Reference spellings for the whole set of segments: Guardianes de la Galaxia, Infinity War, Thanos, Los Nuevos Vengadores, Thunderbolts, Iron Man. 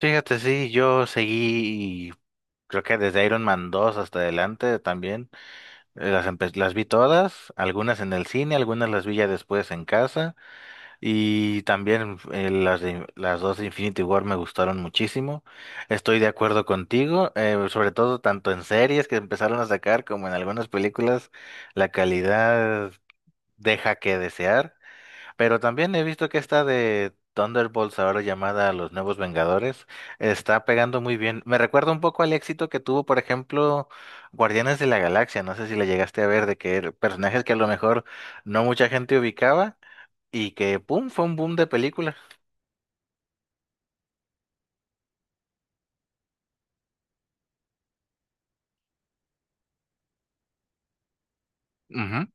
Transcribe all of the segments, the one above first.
Fíjate, sí, yo seguí, creo que desde Iron Man 2 hasta adelante también, las vi todas, algunas en el cine, algunas las vi ya después en casa, y también las dos de Infinity War me gustaron muchísimo. Estoy de acuerdo contigo, sobre todo tanto en series que empezaron a sacar como en algunas películas, la calidad deja que desear. Pero también he visto que esta de Thunderbolts, ahora llamada Los Nuevos Vengadores, está pegando muy bien. Me recuerda un poco al éxito que tuvo, por ejemplo, Guardianes de la Galaxia. No sé si la llegaste a ver, de que personajes que a lo mejor no mucha gente ubicaba y que, ¡pum!, fue un boom de película. Ujú.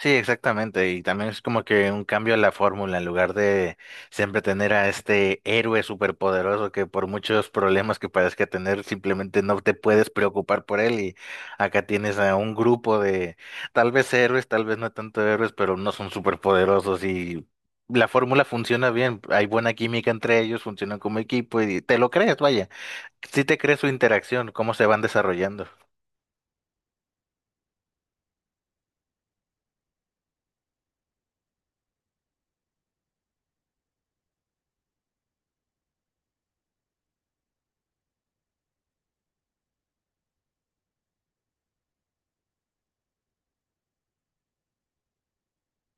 Sí, exactamente. Y también es como que un cambio a la fórmula, en lugar de siempre tener a este héroe superpoderoso que por muchos problemas que parezca tener, simplemente no te puedes preocupar por él. Y acá tienes a un grupo de tal vez héroes, tal vez no tanto héroes, pero no son superpoderosos y la fórmula funciona bien. Hay buena química entre ellos, funcionan como equipo y te lo crees, vaya. Sí te crees su interacción, cómo se van desarrollando.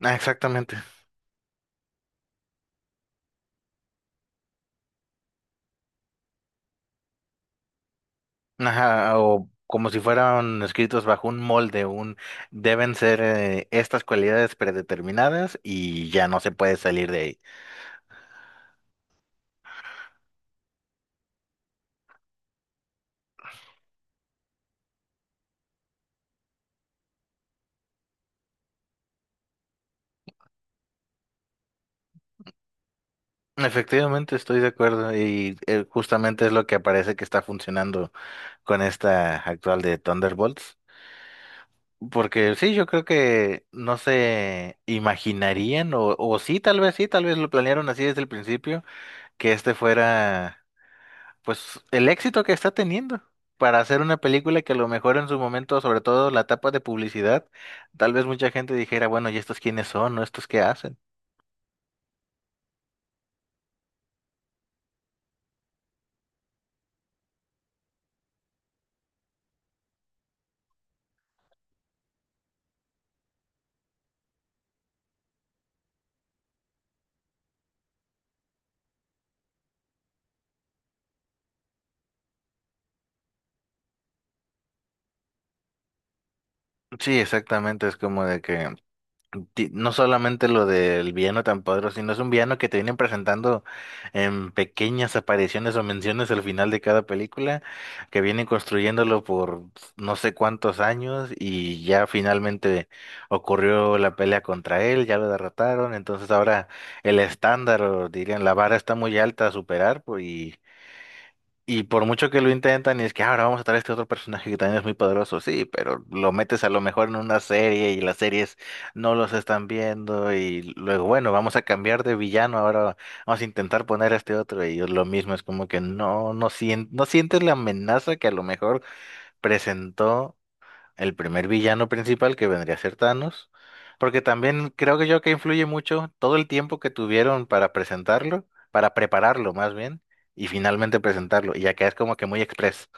Ah, exactamente. Ajá, o como si fueran escritos bajo un molde, un deben ser estas cualidades predeterminadas y ya no se puede salir de ahí. Efectivamente, estoy de acuerdo y justamente es lo que parece que está funcionando con esta actual de Thunderbolts. Porque sí, yo creo que no se imaginarían, o sí, tal vez lo planearon así desde el principio, que este fuera. Pues el éxito que está teniendo para hacer una película que a lo mejor en su momento, sobre todo la etapa de publicidad, tal vez mucha gente dijera, bueno, ¿y estos quiénes son? ¿No estos qué hacen? Sí, exactamente, es como de que no solamente lo del villano tan poderoso, sino es un villano que te vienen presentando en pequeñas apariciones o menciones al final de cada película, que vienen construyéndolo por no sé cuántos años y ya finalmente ocurrió la pelea contra él, ya lo derrotaron, entonces ahora el estándar, o dirían, la vara está muy alta a superar, pues, y por mucho que lo intentan, y es que "Ah, ahora vamos a traer este otro personaje que también es muy poderoso, sí, pero lo metes a lo mejor en una serie y las series no los están viendo y luego, bueno, vamos a cambiar de villano, ahora vamos a intentar poner a este otro y lo mismo, es como que no, no, no sientes la amenaza que a lo mejor presentó el primer villano principal que vendría a ser Thanos, porque también creo que yo que influye mucho todo el tiempo que tuvieron para presentarlo, para prepararlo más bien, y finalmente presentarlo, y acá es como que muy express.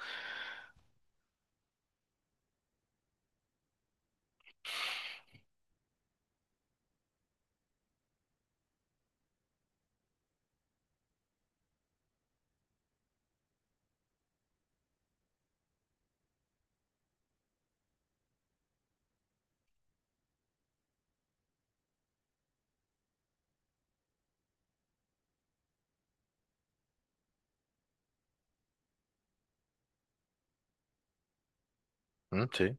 Mm. Sí.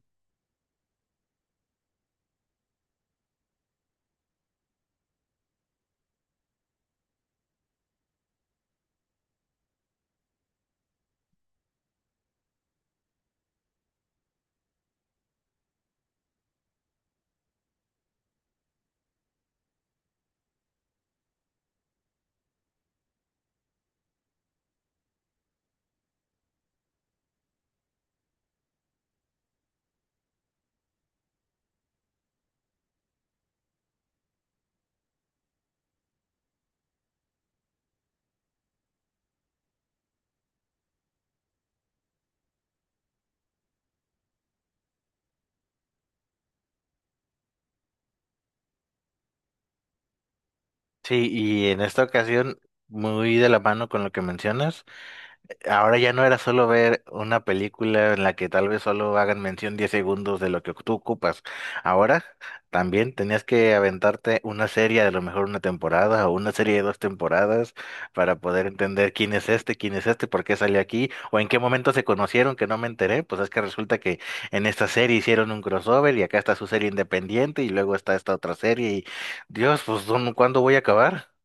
Sí, y en esta ocasión, muy de la mano con lo que mencionas. Ahora ya no era solo ver una película en la que tal vez solo hagan mención 10 segundos de lo que tú ocupas. Ahora también tenías que aventarte una serie, a lo mejor una temporada o una serie de dos temporadas para poder entender quién es este, por qué salió aquí o en qué momento se conocieron que no me enteré. Pues es que resulta que en esta serie hicieron un crossover y acá está su serie independiente y luego está esta otra serie y Dios, pues ¿cuándo voy a acabar?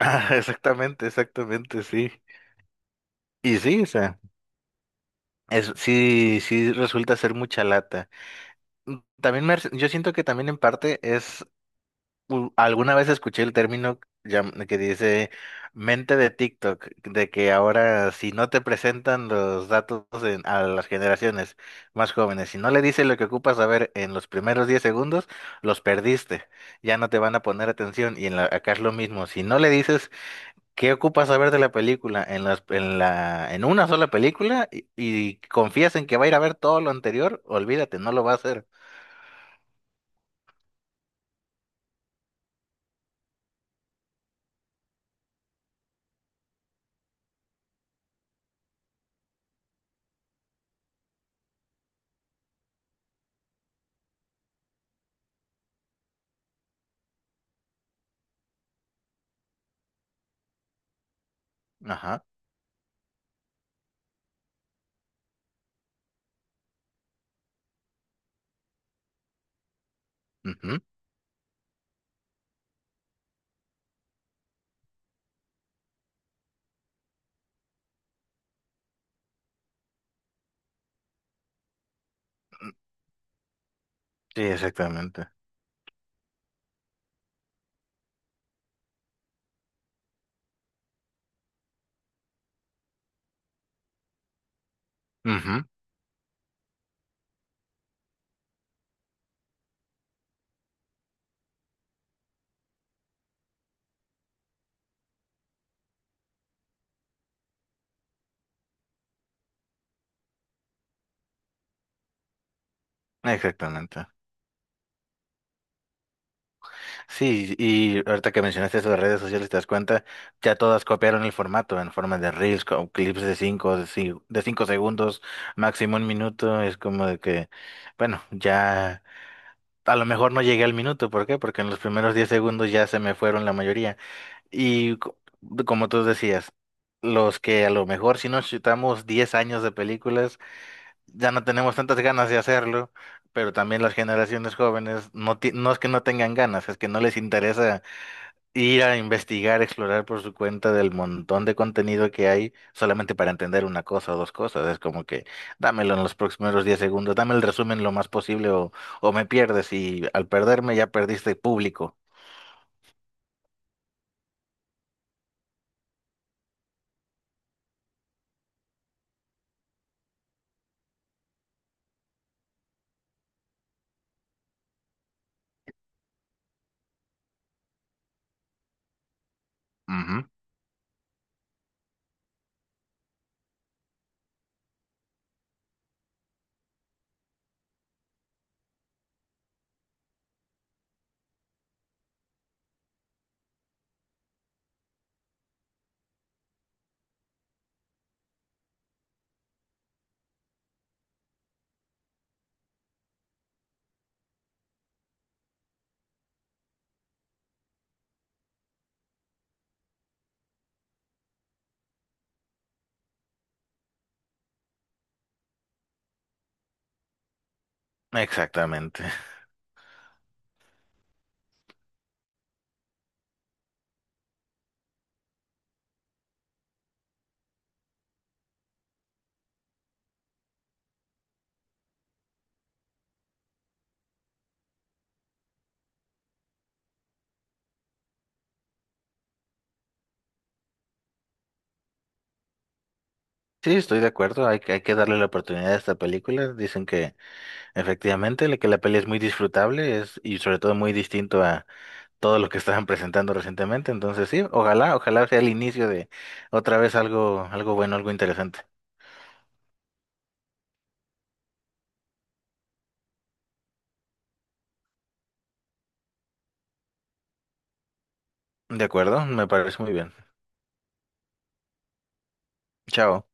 Ah, exactamente, exactamente, sí. Y sí, o sea. Sí, sí resulta ser mucha lata. Mm. También yo siento que también en parte es, alguna vez escuché el término que dice mente de TikTok, de que ahora si no te presentan los datos a las generaciones más jóvenes, si no le dices lo que ocupas saber en los primeros 10 segundos, los perdiste, ya no te van a poner atención. Y acá es lo mismo, si no le dices ¿qué ocupas saber de la película? En las, en la, en una sola película y confías en que va a ir a ver todo lo anterior, olvídate, no lo va a hacer. Ajá. Ujú. Sí, exactamente. Ujú. Exactamente. Sí, y ahorita que mencionaste eso de redes sociales, te das cuenta, ya todas copiaron el formato en forma de reels, con clips de 5 segundos, máximo un minuto. Es como de que, bueno, ya a lo mejor no llegué al minuto. ¿Por qué? Porque en los primeros 10 segundos ya se me fueron la mayoría. Y como tú decías, los que a lo mejor si nos chutamos 10 años de películas, ya no tenemos tantas ganas de hacerlo, pero también las generaciones jóvenes no, no es que no tengan ganas, es que no les interesa ir a investigar, explorar por su cuenta del montón de contenido que hay solamente para entender una cosa o dos cosas. Es como que dámelo en los próximos 10 segundos, dame el resumen lo más posible o me pierdes y al perderme ya perdiste público. Ujú. Exactamente. Sí, estoy de acuerdo, hay que darle la oportunidad a esta película. Dicen que efectivamente que la peli es muy disfrutable y sobre todo muy distinto a todo lo que estaban presentando recientemente. Entonces sí, ojalá, ojalá sea el inicio de otra vez algo, algo bueno, algo interesante. De acuerdo, me parece muy bien. Chao.